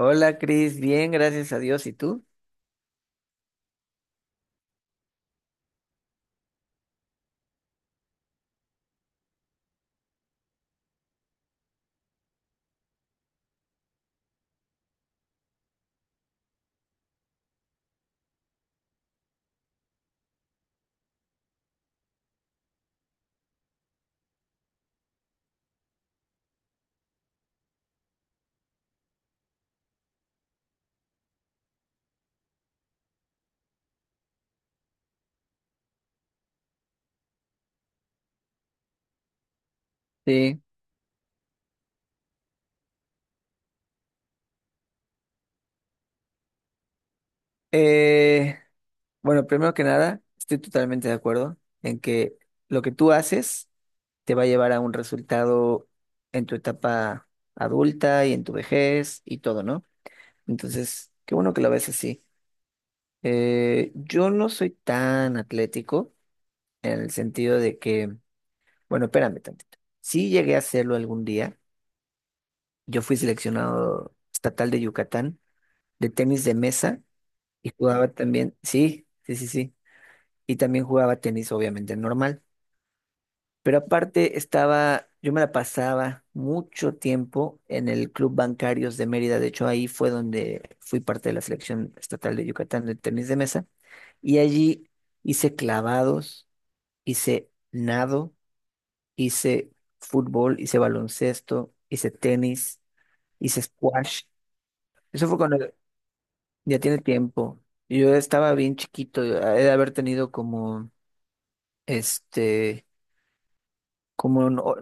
Hola Cris, bien, gracias a Dios. ¿Y tú? Sí. Eh, bueno, primero que nada, estoy totalmente de acuerdo en que lo que tú haces te va a llevar a un resultado en tu etapa adulta y en tu vejez y todo, ¿no? Entonces, qué bueno que lo ves así. Yo no soy tan atlético en el sentido de que, bueno, espérame tantito. Sí llegué a hacerlo algún día. Yo fui seleccionado estatal de Yucatán de tenis de mesa. Y jugaba también, sí, sí, sí, sí. Y también jugaba tenis, obviamente, normal. Pero aparte estaba, yo me la pasaba mucho tiempo en el Club Bancarios de Mérida. De hecho, ahí fue donde fui parte de la selección estatal de Yucatán de tenis de mesa. Y allí hice clavados, hice nado, hice fútbol, hice baloncesto, hice tenis, hice squash. Eso fue cuando ya tiene tiempo. Yo estaba bien chiquito, he de haber tenido como este, como en o-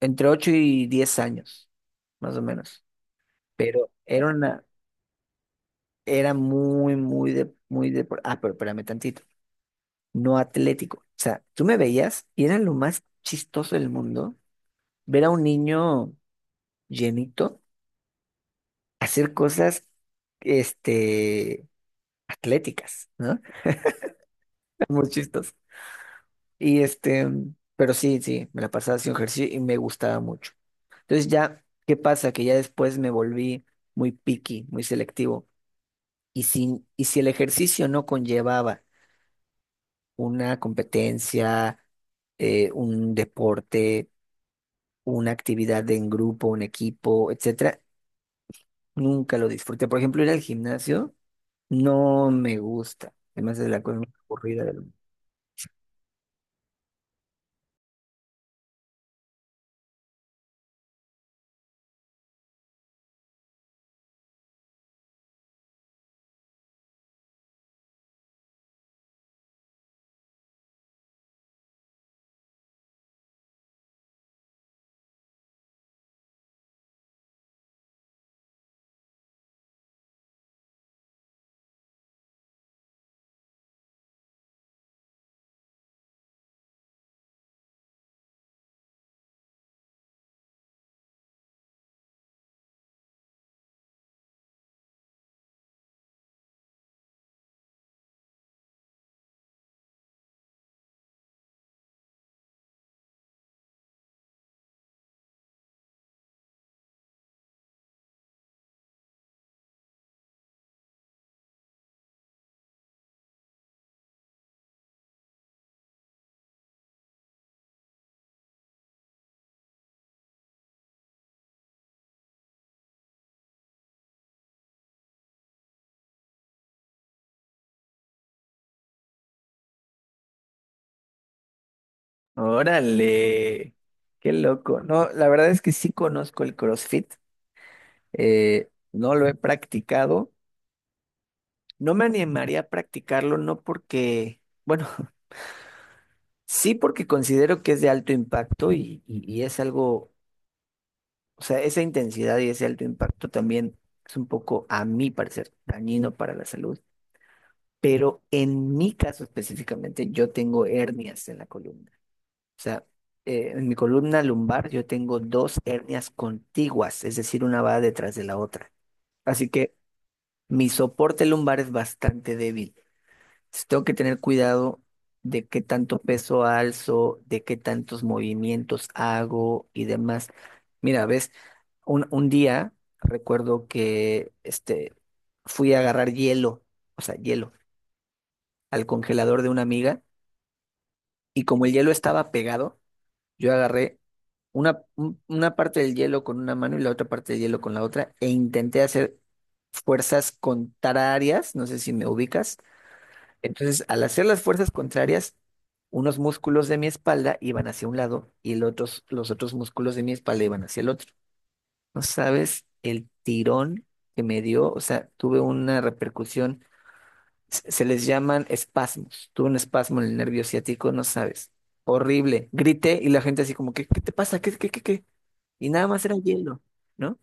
entre 8 y 10 años, más o menos. Pero era pero espérame tantito, no atlético. O sea, tú me veías y era lo más chistoso del mundo ver a un niño llenito hacer cosas, este, atléticas, ¿no? Muy chistoso. Y este, pero sí, sí, me la pasaba haciendo ejercicio y me gustaba mucho. Entonces ya, ¿qué pasa? Que ya después me volví muy picky, muy selectivo. Y si el ejercicio no conllevaba una competencia, un deporte, una actividad en grupo, un equipo, etcétera, nunca lo disfruté. Por ejemplo, ir al gimnasio no me gusta. Además es la cosa más aburrida del mundo. Órale, qué loco. No, la verdad es que sí conozco el CrossFit. No lo he practicado. No me animaría a practicarlo, no porque, bueno, sí porque considero que es de alto impacto y es algo, o sea, esa intensidad y ese alto impacto también es un poco, a mi parecer, dañino para la salud. Pero en mi caso específicamente, yo tengo hernias en la columna. O sea, en mi columna lumbar yo tengo dos hernias contiguas, es decir, una va detrás de la otra. Así que mi soporte lumbar es bastante débil. Sí, tengo que tener cuidado de qué tanto peso alzo, de qué tantos movimientos hago y demás. Mira, ves, un día recuerdo que fui a agarrar hielo, o sea, hielo, al congelador de una amiga, y como el hielo estaba pegado, yo agarré una parte del hielo con una mano y la otra parte del hielo con la otra, e intenté hacer fuerzas contrarias, no sé si me ubicas. Entonces, al hacer las fuerzas contrarias, unos músculos de mi espalda iban hacia un lado y los otros músculos de mi espalda iban hacia el otro. No sabes el tirón que me dio, o sea, tuve una repercusión, se les llaman espasmos, tuve un espasmo en el nervio ciático, no sabes, horrible. Grité y la gente así como, ¿qué, qué te pasa? ¿Qué, qué, qué, qué? Y nada más era hielo, ¿no?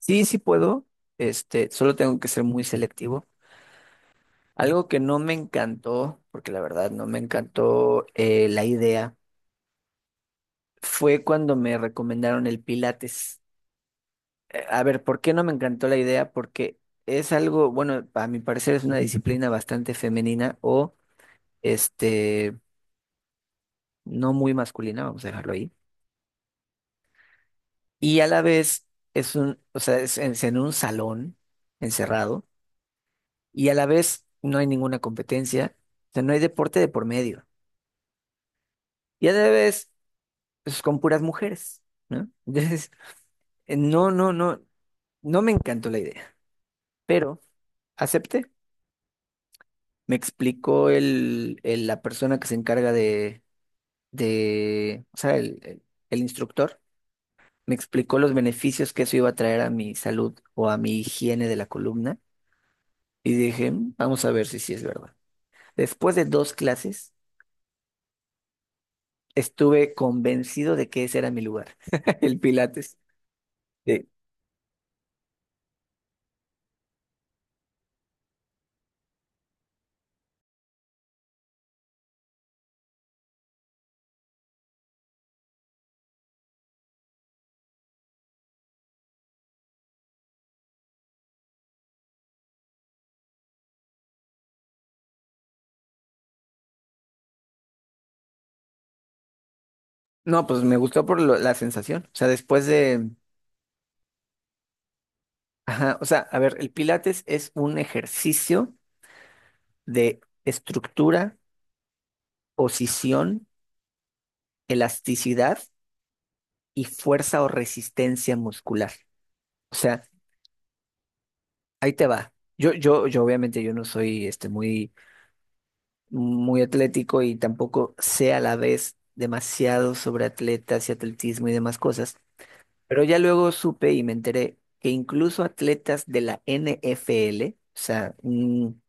Sí, sí puedo, solo tengo que ser muy selectivo. Algo que no me encantó, porque la verdad no me encantó la idea, fue cuando me recomendaron el Pilates. A ver, ¿por qué no me encantó la idea? Porque es algo, bueno, a mi parecer es una disciplina bastante femenina o este, no muy masculina, vamos a dejarlo ahí. Y a la vez o sea, es en un salón encerrado, y a la vez no hay ninguna competencia, o sea, no hay deporte de por medio. Y a la vez, pues con puras mujeres. ¿No? No, no, no, no me encantó la idea, pero acepté. Me explicó la persona que se encarga de, o sea, el instructor, me explicó los beneficios que eso iba a traer a mi salud o a mi higiene de la columna, y dije, "Mm, vamos a ver si sí es verdad. Después de 2 clases, estuve convencido de que ese era mi lugar, el Pilates. Sí. No, pues me gustó por la sensación. O sea, después de, ajá, o sea, a ver, el Pilates es un ejercicio de estructura, posición, elasticidad y fuerza o resistencia muscular. O sea, ahí te va. Yo obviamente yo no soy muy atlético, y tampoco sé a la vez demasiado sobre atletas y atletismo y demás cosas, pero ya luego supe y me enteré que incluso atletas de la NFL, o sea, un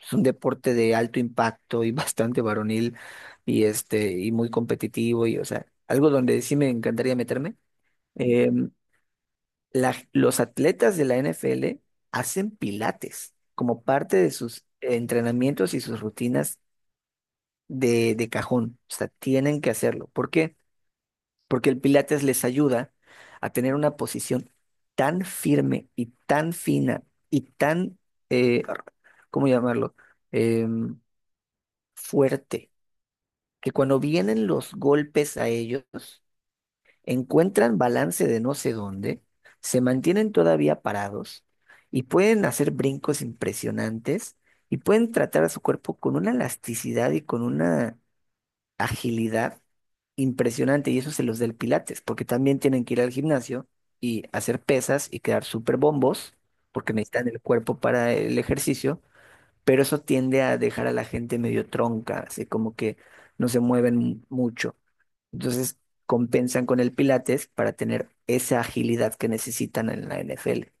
Es un deporte de alto impacto y bastante varonil y muy competitivo, y o sea, algo donde sí me encantaría meterme. Eh, los atletas de la NFL hacen pilates como parte de sus entrenamientos y sus rutinas de cajón. O sea, tienen que hacerlo. ¿Por qué? Porque el pilates les ayuda a tener una posición tan firme y tan fina y tan, eh, ¿cómo llamarlo? Em, Fuerte, que cuando vienen los golpes a ellos, encuentran balance de no sé dónde, se mantienen todavía parados y pueden hacer brincos impresionantes y pueden tratar a su cuerpo con una elasticidad y con una agilidad impresionante. Y eso se los da el Pilates, porque también tienen que ir al gimnasio y hacer pesas y quedar súper bombos, porque necesitan el cuerpo para el ejercicio, pero eso tiende a dejar a la gente medio tronca, así como que no se mueven mucho. Entonces compensan con el Pilates para tener esa agilidad que necesitan en la NFL.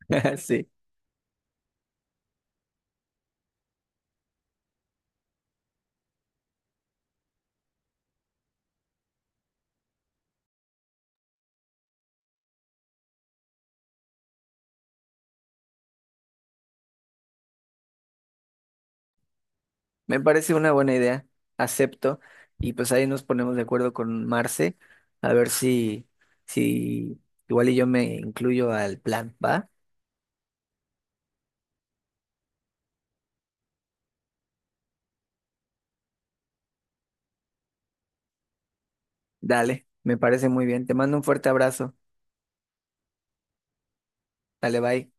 Sí, me parece una buena idea, acepto. Y pues ahí nos ponemos de acuerdo con Marce, a ver si igual y yo me incluyo al plan, ¿va? Dale, me parece muy bien. Te mando un fuerte abrazo. Dale, bye.